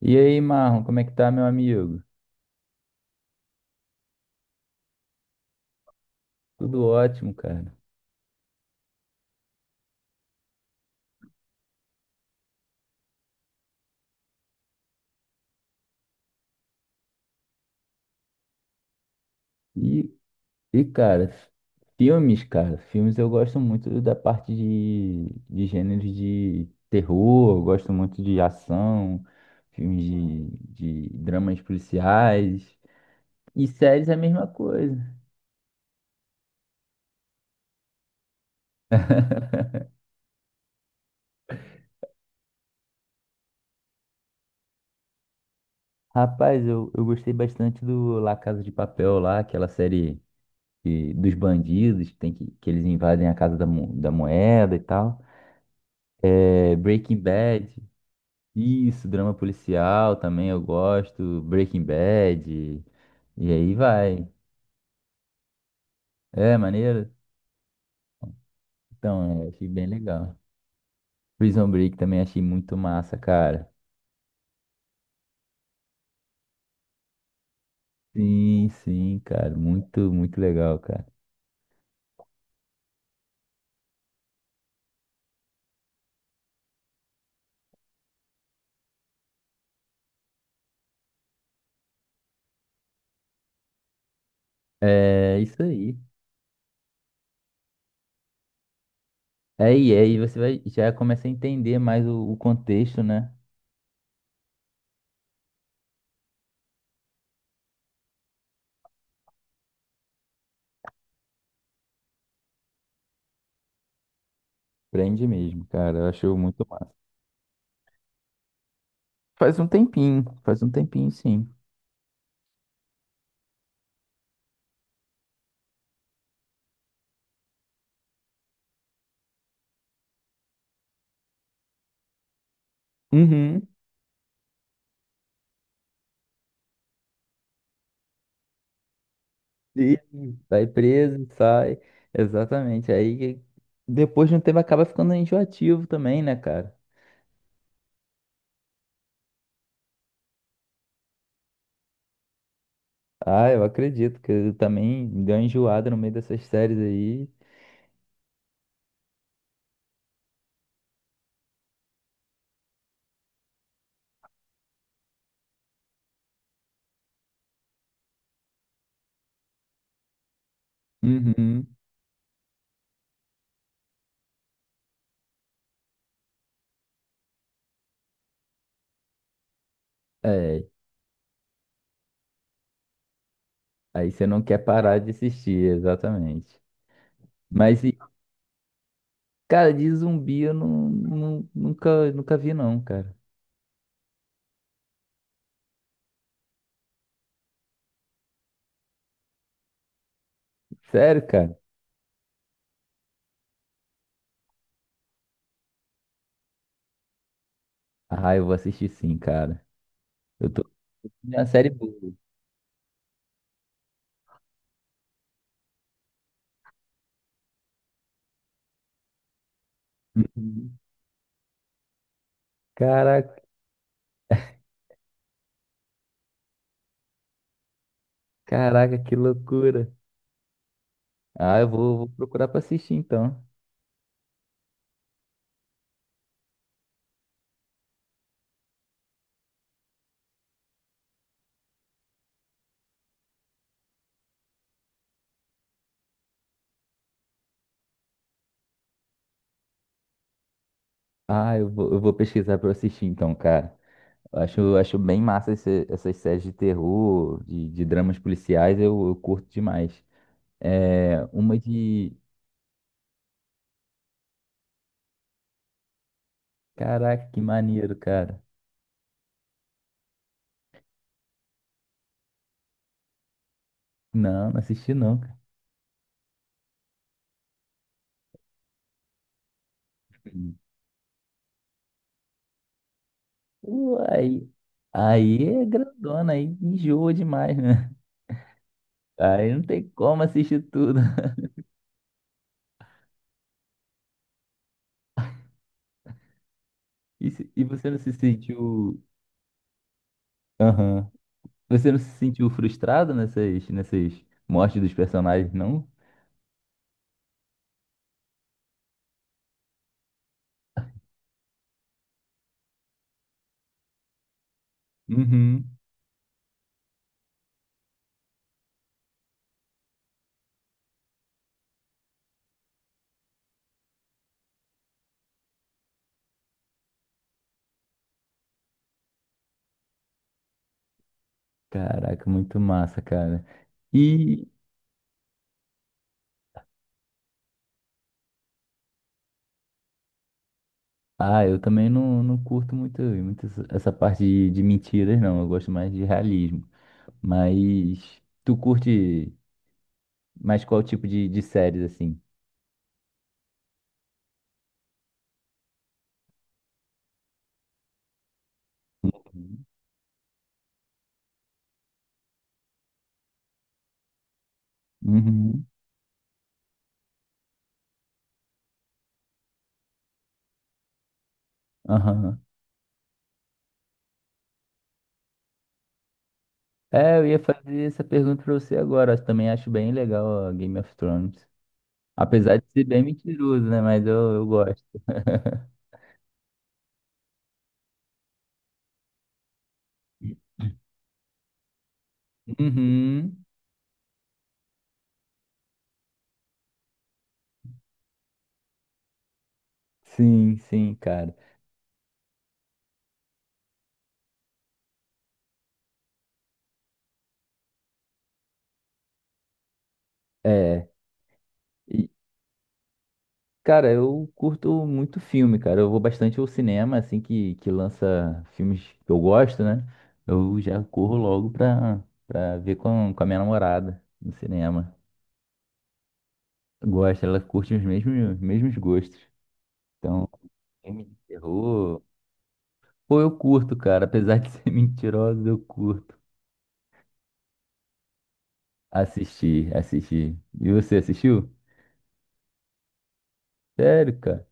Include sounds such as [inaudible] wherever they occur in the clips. E aí, Marlon, como é que tá, meu amigo? Tudo ótimo, cara. E, cara, filmes, cara, filmes eu gosto muito da parte de gêneros de terror, eu gosto muito de ação, filmes de dramas policiais. E séries é a mesma coisa. Rapaz, eu gostei bastante do La Casa de Papel lá, aquela série dos bandidos, que eles invadem a casa da, da moeda e tal. É, Breaking Bad. Isso, drama policial também eu gosto, Breaking Bad, e aí vai. É, maneiro? Então, é, achei bem legal. Prison Break também achei muito massa, cara. Sim, sim, cara, muito, muito legal, cara. É isso aí. É, e aí você vai, já começa a entender mais o contexto, né? Prende mesmo, cara, eu achei muito massa. Faz um tempinho, sim. Uhum. E vai preso, sai. Exatamente. Aí depois de um tempo acaba ficando enjoativo também, né, cara? Ah, eu acredito que eu também deu uma enjoada no meio dessas séries aí. Uhum. É. Aí você não quer parar de assistir, exatamente. Mas, e, cara, de zumbi eu nunca, nunca vi, não, cara. Sério, cara? Ah, eu vou assistir sim, cara. Eu tô. É uma série boa. Uhum. Caraca, caraca, que loucura. Ah, eu vou, vou procurar pra assistir então. Ah, eu vou pesquisar pra eu assistir então, cara. Eu acho bem massa essas séries de terror, de dramas policiais, eu curto demais. É, uma de. Caraca, que maneiro, cara. Não, não assisti não, cara. Pô, aí é grandona, aí enjoa demais, né? Aí não tem como assistir tudo. E você não se sentiu. Aham. Você não se sentiu frustrado nessas mortes dos personagens, não? Uhum. Caraca, muito massa, cara. E, ah, eu também não, não curto muito essa essa parte de mentiras, não. Eu gosto mais de realismo. Mas tu curte mais qual tipo de séries, assim? Uhum. Aham. É, eu ia fazer essa pergunta pra você agora. Eu também acho bem legal a Game of Thrones. Apesar de ser bem mentiroso, né? Mas eu gosto. [laughs] Uhum. Sim, sim, cara. É, e, cara, eu curto muito filme, cara. Eu vou bastante ao cinema, assim que lança filmes que eu gosto, né? Eu já corro logo pra ver com a minha namorada no cinema. Gosta, ela curte os mesmos gostos. Então, filme de terror. Pô, eu curto, cara. Apesar de ser [laughs] mentirosa, eu curto. Assisti, assisti. E você assistiu? Sério, cara?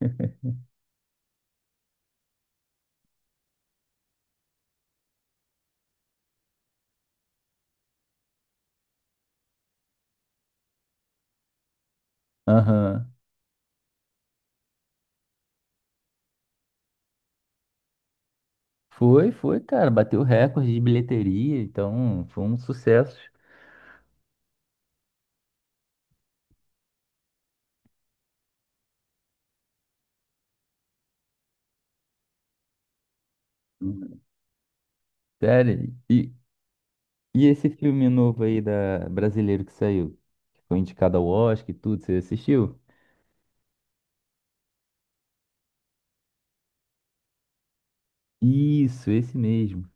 [laughs] Aham. Foi, foi, cara, bateu recorde de bilheteria, então foi um sucesso. Sério. E esse filme novo aí da brasileiro que saiu, que foi indicado ao Oscar e tudo, você assistiu? Isso, esse mesmo.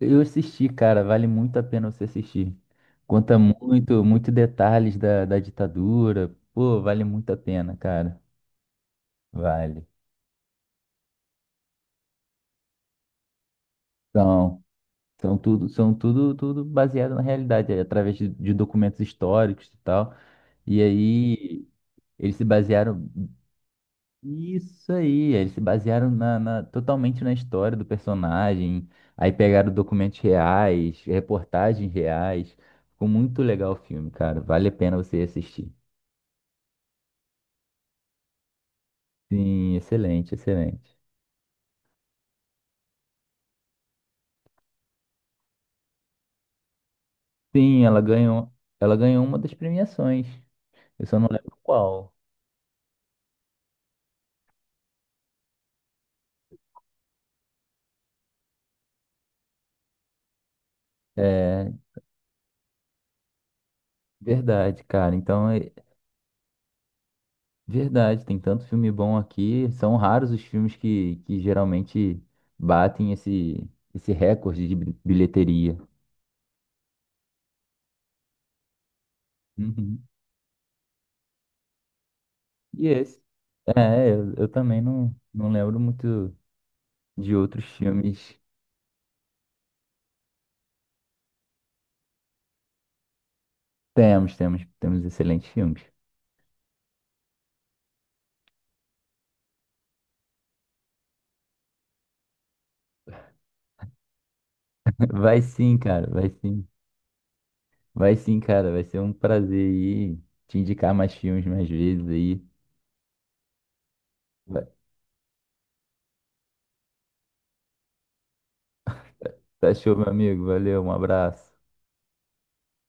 Eu assisti, cara, vale muito a pena você assistir. Conta muito, muito detalhes da ditadura. Pô, vale muito a pena, cara. Vale. São, são tudo, são tudo, tudo baseado na realidade, é através de documentos históricos e tal. E aí eles se basearam. Isso aí, eles se basearam totalmente na história do personagem. Aí pegaram documentos reais, reportagens reais. Ficou muito legal o filme, cara. Vale a pena você assistir. Sim, excelente, excelente. Sim, ela ganhou uma das premiações. Eu só não lembro qual. É verdade, cara. Verdade, tem tanto filme bom aqui. São raros os filmes que geralmente batem esse recorde de bilheteria. Uhum. E esse? É, eu também não, não lembro muito de outros filmes. Temos, temos, temos excelentes filmes. [laughs] Vai sim, cara, vai sim. Vai sim, cara, vai ser um prazer aí te indicar mais filmes mais vezes aí. Vai- Tá show, meu amigo. Valeu, um abraço.